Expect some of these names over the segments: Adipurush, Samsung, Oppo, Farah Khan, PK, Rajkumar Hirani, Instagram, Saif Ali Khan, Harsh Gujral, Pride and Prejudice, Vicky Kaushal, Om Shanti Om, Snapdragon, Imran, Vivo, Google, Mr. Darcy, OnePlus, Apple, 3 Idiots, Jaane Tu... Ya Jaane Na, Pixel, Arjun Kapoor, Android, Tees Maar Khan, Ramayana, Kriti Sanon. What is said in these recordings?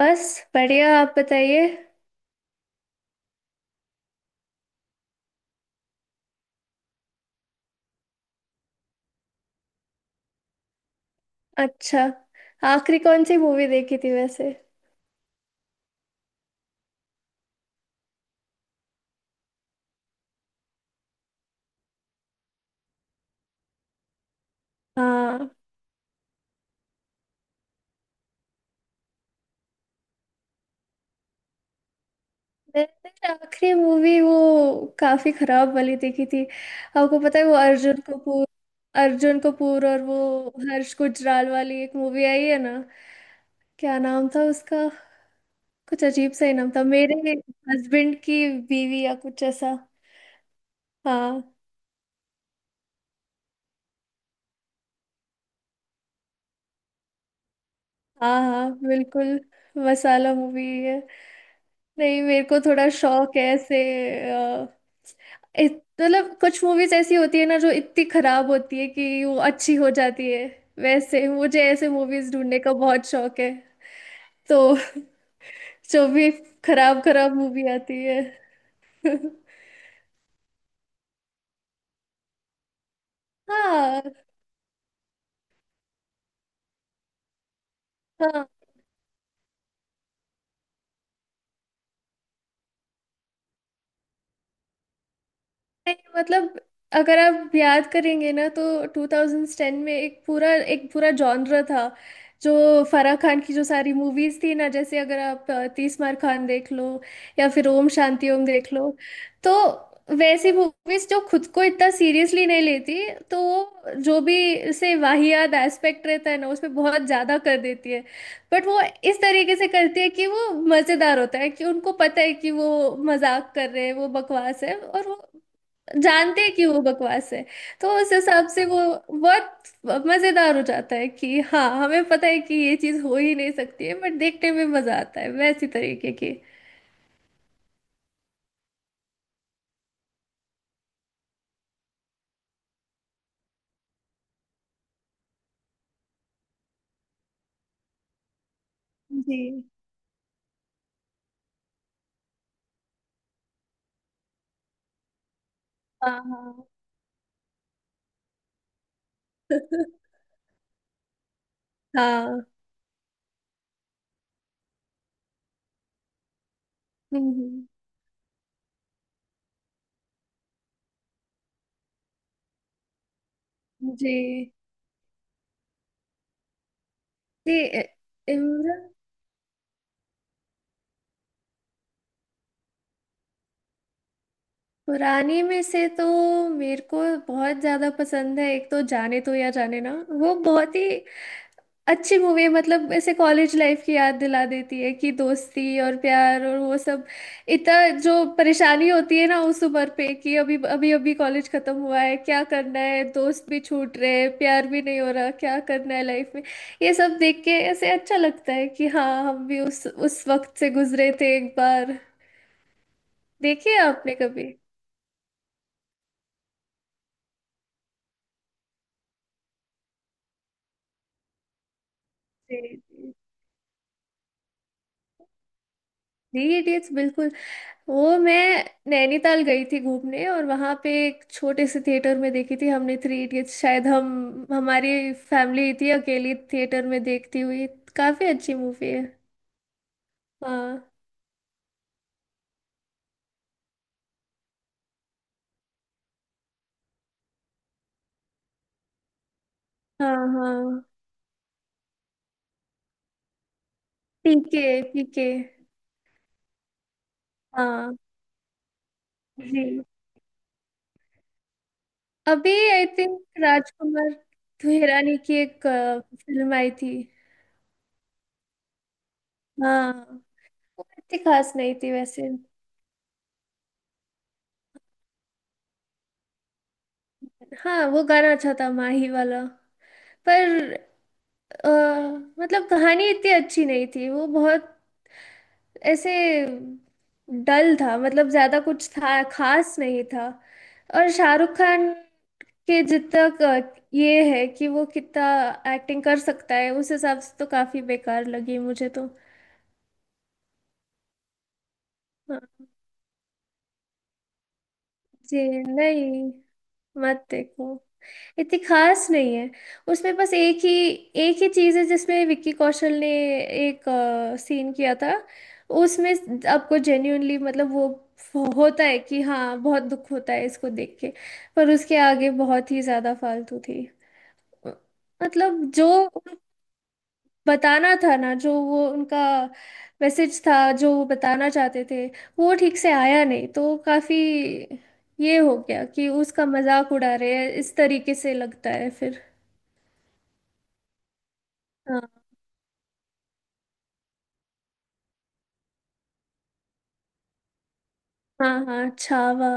बस। बढ़िया, आप बताइए। अच्छा, आखिरी कौन सी मूवी देखी थी वैसे? हाँ, मैंने आखिरी मूवी वो काफी खराब वाली देखी थी। आपको पता है वो अर्जुन कपूर, अर्जुन कपूर और वो हर्ष गुजराल वाली एक मूवी आई है ना? क्या नाम था उसका? कुछ अजीब सा ही नाम था। मेरे हस्बैंड की बीवी या कुछ ऐसा। हाँ हाँ, हाँ बिल्कुल मसाला मूवी है। नहीं, मेरे को थोड़ा शौक है ऐसे। अ, मतलब कुछ मूवीज ऐसी होती है ना जो इतनी खराब होती है कि वो अच्छी हो जाती है। वैसे मुझे ऐसे मूवीज ढूंढने का बहुत शौक है तो जो भी खराब खराब मूवी आती है। हाँ हाँ। नहीं, मतलब अगर आप याद करेंगे ना तो 2010 में एक पूरा जॉनर था जो फराह खान की जो सारी मूवीज थी ना। जैसे अगर आप तीस मार खान देख लो या फिर ओम शांति ओम देख लो। तो वैसी मूवीज जो खुद को इतना सीरियसली नहीं लेती, तो वो जो भी से वाहियात एस्पेक्ट रहता है ना उसमें बहुत ज्यादा कर देती है। बट वो इस तरीके से करती है कि वो मजेदार होता है, कि उनको पता है कि वो मजाक कर रहे हैं, वो बकवास है और वो जानते हैं कि वो बकवास है। तो उस हिसाब से वो बहुत मजेदार हो जाता है कि हाँ हमें पता है कि ये चीज हो ही नहीं सकती है, बट देखने में मजा आता है वैसी तरीके की। जी। हाँ हाँ हाँ, हम्म जी जी। इ- इमरान। पुरानी में से तो मेरे को बहुत ज्यादा पसंद है एक, तो जाने तो या जाने ना। वो बहुत ही अच्छी मूवी है, मतलब ऐसे कॉलेज लाइफ की याद दिला देती है कि दोस्ती और प्यार और वो सब। इतना जो परेशानी होती है ना उस उम्र पे कि अभी अभी अभी कॉलेज खत्म हुआ है, क्या करना है, दोस्त भी छूट रहे हैं, प्यार भी नहीं हो रहा, क्या करना है लाइफ में। ये सब देख के ऐसे अच्छा लगता है कि हाँ हम भी उस वक्त से गुजरे थे एक बार। देखिए आपने कभी? जी जी, इडियट्स बिल्कुल। वो मैं नैनीताल गई थी घूमने और वहां पे एक छोटे से थिएटर में देखी थी हमने थ्री इडियट्स। शायद हम, हमारी फैमिली थी अकेली थिएटर में देखती हुई। काफी अच्छी मूवी है। हाँ हाँ। हाँ पीके। पीके। हाँ। जी। अभी आई थिंक राजकुमार हिरानी की एक फिल्म आई थी। हाँ वो इतनी खास नहीं थी वैसे। हाँ वो गाना अच्छा था माही वाला। पर अ, मतलब कहानी इतनी अच्छी नहीं थी, वो बहुत ऐसे डल था, मतलब ज्यादा कुछ था, खास नहीं था। और शाहरुख खान के जितना ये है कि वो कितना एक्टिंग कर सकता है, उस हिसाब से तो काफी बेकार लगी मुझे तो। हाँ, जी। नहीं, मत देखो, इतनी खास नहीं है। उसमें बस एक ही चीज़ है जिसमें विक्की कौशल ने एक सीन किया था। उसमें आपको जेन्यूनली, मतलब वो होता है कि हाँ, बहुत दुख होता है इसको देख के। पर उसके आगे बहुत ही ज़्यादा फालतू थी। अ, मतलब जो बताना था ना, जो वो उनका मैसेज था जो वो बताना चाहते थे वो ठीक से आया नहीं, तो काफ़ी ये हो गया कि उसका मजाक उड़ा रहे हैं इस तरीके से लगता है फिर। हाँ हाँ, छावा।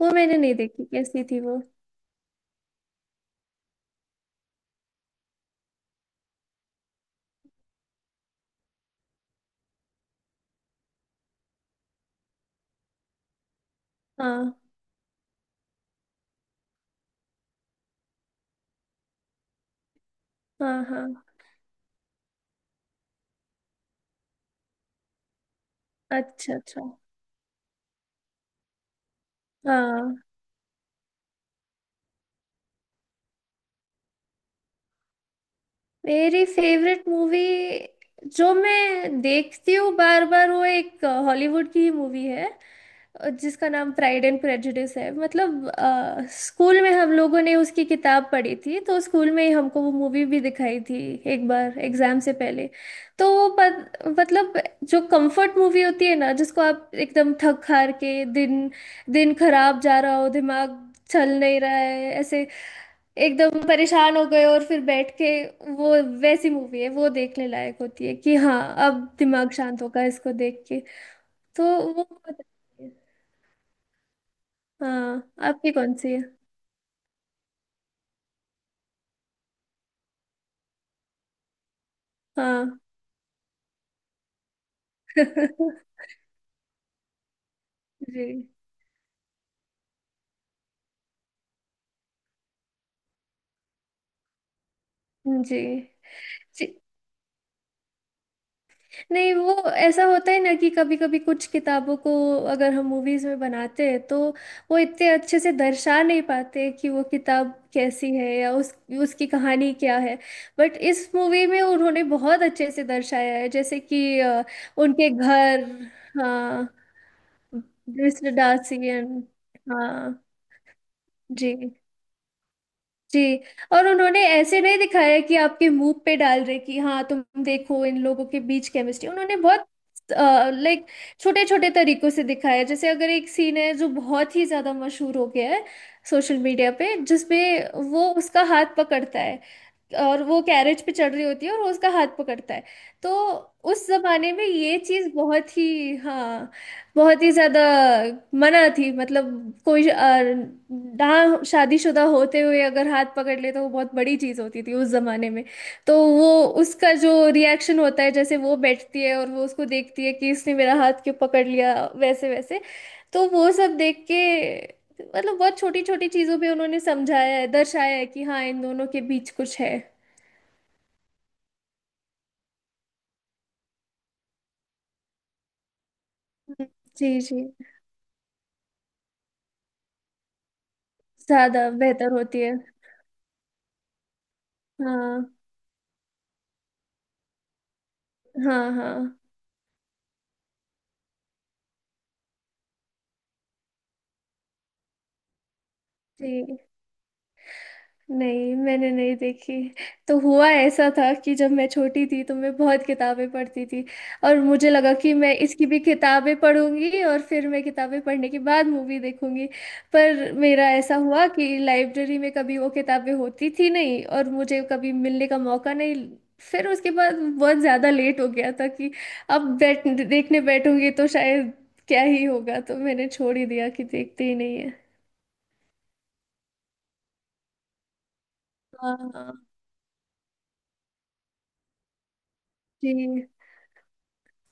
वो मैंने नहीं देखी, कैसी थी वो? हाँ हाँ हाँ। अच्छा अच्छा। हाँ, मेरी फेवरेट मूवी जो मैं देखती हूँ बार बार, वो एक हॉलीवुड की ही मूवी है और जिसका नाम प्राइड एंड प्रेजुडिस है। मतलब स्कूल में हम लोगों ने उसकी किताब पढ़ी थी, तो स्कूल में ही हमको वो मूवी भी दिखाई थी एक बार एग्जाम से पहले। तो वो पत, मतलब जो कंफर्ट मूवी होती है ना जिसको आप एकदम थक हार के, दिन दिन खराब जा रहा हो, दिमाग चल नहीं रहा है ऐसे, एकदम परेशान हो गए और फिर बैठ के वो, वैसी मूवी है वो, देखने लायक होती है कि हाँ अब दिमाग शांत होगा इसको देख के। तो वो बहुत अच्छी है। हाँ आपकी कौन सी है? हाँ। जी जी जी। नहीं, वो ऐसा होता है ना कि कभी कभी कुछ किताबों को अगर हम मूवीज में बनाते हैं तो वो इतने अच्छे से दर्शा नहीं पाते कि वो किताब कैसी है या उस उसकी कहानी क्या है। बट इस मूवी में उन्होंने बहुत अच्छे से दर्शाया है। जैसे कि उनके घर। हाँ मिस्टर डासियन। हाँ जी जी। और उन्होंने ऐसे नहीं दिखाया कि आपके मुंह पे डाल रहे कि हाँ तुम देखो इन लोगों के बीच केमिस्ट्री। उन्होंने बहुत लाइक छोटे छोटे तरीकों से दिखाया। जैसे अगर एक सीन है जो बहुत ही ज्यादा मशहूर हो गया है सोशल मीडिया पे, जिसमें वो उसका हाथ पकड़ता है और वो कैरेज पे चढ़ रही होती है और वो उसका हाथ पकड़ता है। तो उस जमाने में ये चीज बहुत ही, हाँ, बहुत ही ज्यादा मना थी। मतलब कोई ना शादीशुदा होते हुए अगर हाथ पकड़ ले तो वो बहुत बड़ी चीज होती थी उस जमाने में। तो वो उसका जो रिएक्शन होता है, जैसे वो बैठती है और वो उसको देखती है कि इसने मेरा हाथ क्यों पकड़ लिया, वैसे वैसे। तो वो सब देख के, मतलब बहुत छोटी छोटी चीजों पे उन्होंने समझाया है, दर्शाया है कि हाँ इन दोनों के बीच कुछ है। जी जी, ज्यादा बेहतर होती है। हाँ हाँ। हाँ जी। नहीं मैंने नहीं देखी। तो हुआ ऐसा था कि जब मैं छोटी थी तो मैं बहुत किताबें पढ़ती थी और मुझे लगा कि मैं इसकी भी किताबें पढ़ूंगी और फिर मैं किताबें पढ़ने के बाद मूवी देखूंगी। पर मेरा ऐसा हुआ कि लाइब्रेरी में कभी वो किताबें होती थी नहीं और मुझे कभी मिलने का मौका नहीं। फिर उसके बाद बहुत ज़्यादा लेट हो गया था कि अब बैठ देखने बैठूंगी तो शायद क्या ही होगा, तो मैंने छोड़ ही दिया कि देखते ही नहीं है। हाँ। जी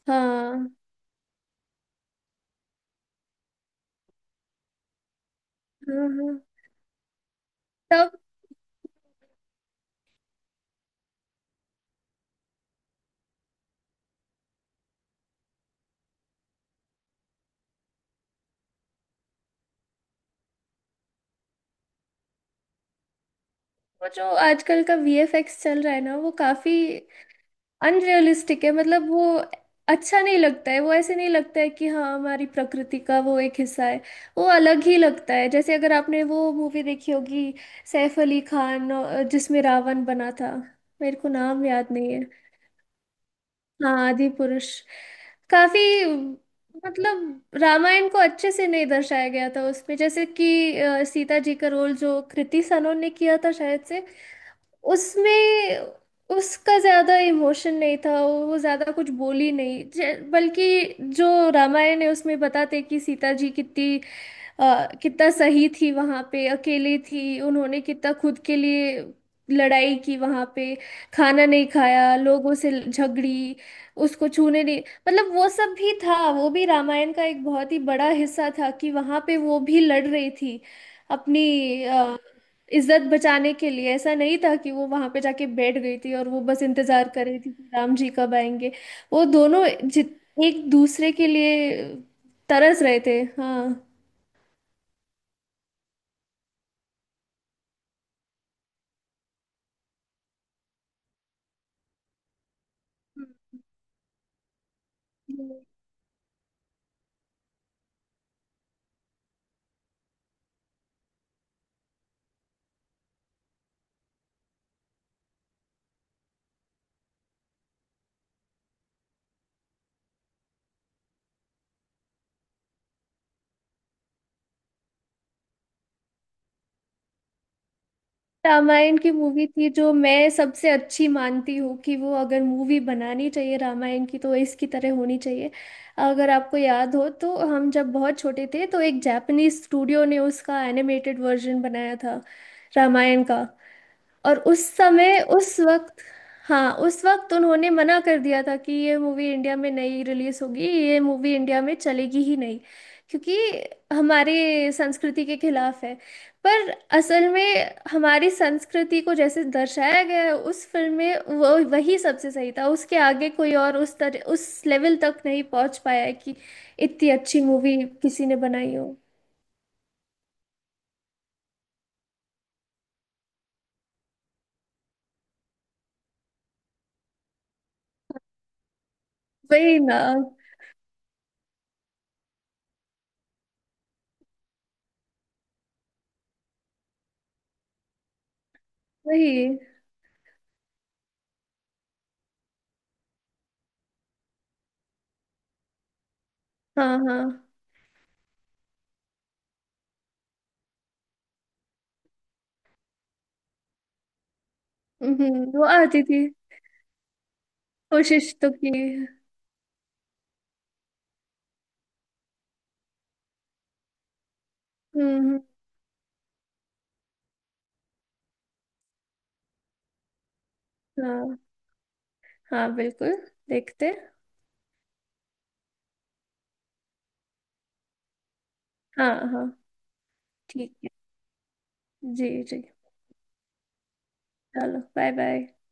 हाँ हाँ हाँ, तब। वो जो आजकल का वीएफएक्स चल रहा है ना वो काफी अनरियलिस्टिक है। मतलब वो अच्छा नहीं लगता है, वो ऐसे नहीं लगता है कि हाँ हमारी प्रकृति का वो एक हिस्सा है। वो अलग ही लगता है। जैसे अगर आपने वो मूवी देखी होगी, सैफ अली खान, जिसमें रावण बना था, मेरे को नाम याद नहीं है। हाँ आदि पुरुष। काफी, मतलब रामायण को अच्छे से नहीं दर्शाया गया था उसमें। जैसे कि सीता जी का रोल जो कृति सनोन ने किया था शायद से, उसमें उसका ज्यादा इमोशन नहीं था, वो ज्यादा कुछ बोली नहीं। बल्कि जो रामायण है उसमें बताते कि सीता जी कितनी कितना सही थी, वहां पे अकेली थी, उन्होंने कितना खुद के लिए लड़ाई की वहां पे, खाना नहीं खाया, लोगों से झगड़ी, उसको छूने नहीं। मतलब वो सब भी था, वो भी रामायण का एक बहुत ही बड़ा हिस्सा था कि वहां पे वो भी लड़ रही थी अपनी इज्जत बचाने के लिए। ऐसा नहीं था कि वो वहां पे जाके बैठ गई थी और वो बस इंतजार कर रही थी कि राम जी कब आएंगे। वो दोनों जित एक दूसरे के लिए तरस रहे थे, हाँ। रामायण की मूवी थी जो मैं सबसे अच्छी मानती हूँ कि वो, अगर मूवी बनानी चाहिए रामायण की तो इसकी तरह होनी चाहिए। अगर आपको याद हो तो हम जब बहुत छोटे थे तो एक जापानीज स्टूडियो ने उसका एनिमेटेड वर्जन बनाया था रामायण का। और उस वक्त, हाँ उस वक्त, उन्होंने मना कर दिया था कि ये मूवी इंडिया में नहीं रिलीज होगी, ये मूवी इंडिया में चलेगी ही नहीं क्योंकि हमारे संस्कृति के खिलाफ है। पर असल में हमारी संस्कृति को जैसे दर्शाया गया है उस फिल्म में, वो वही सबसे सही था। उसके आगे कोई और उस तरह उस लेवल तक नहीं पहुंच पाया है कि इतनी अच्छी मूवी किसी ने बनाई हो। वही ना। वही। हाँ हाँ। वो आती थी। कोशिश तो की। हम्म हम्म, हाँ हाँ बिल्कुल, देखते। हाँ हाँ। ठीक है। जी जी। चलो बाय बाय।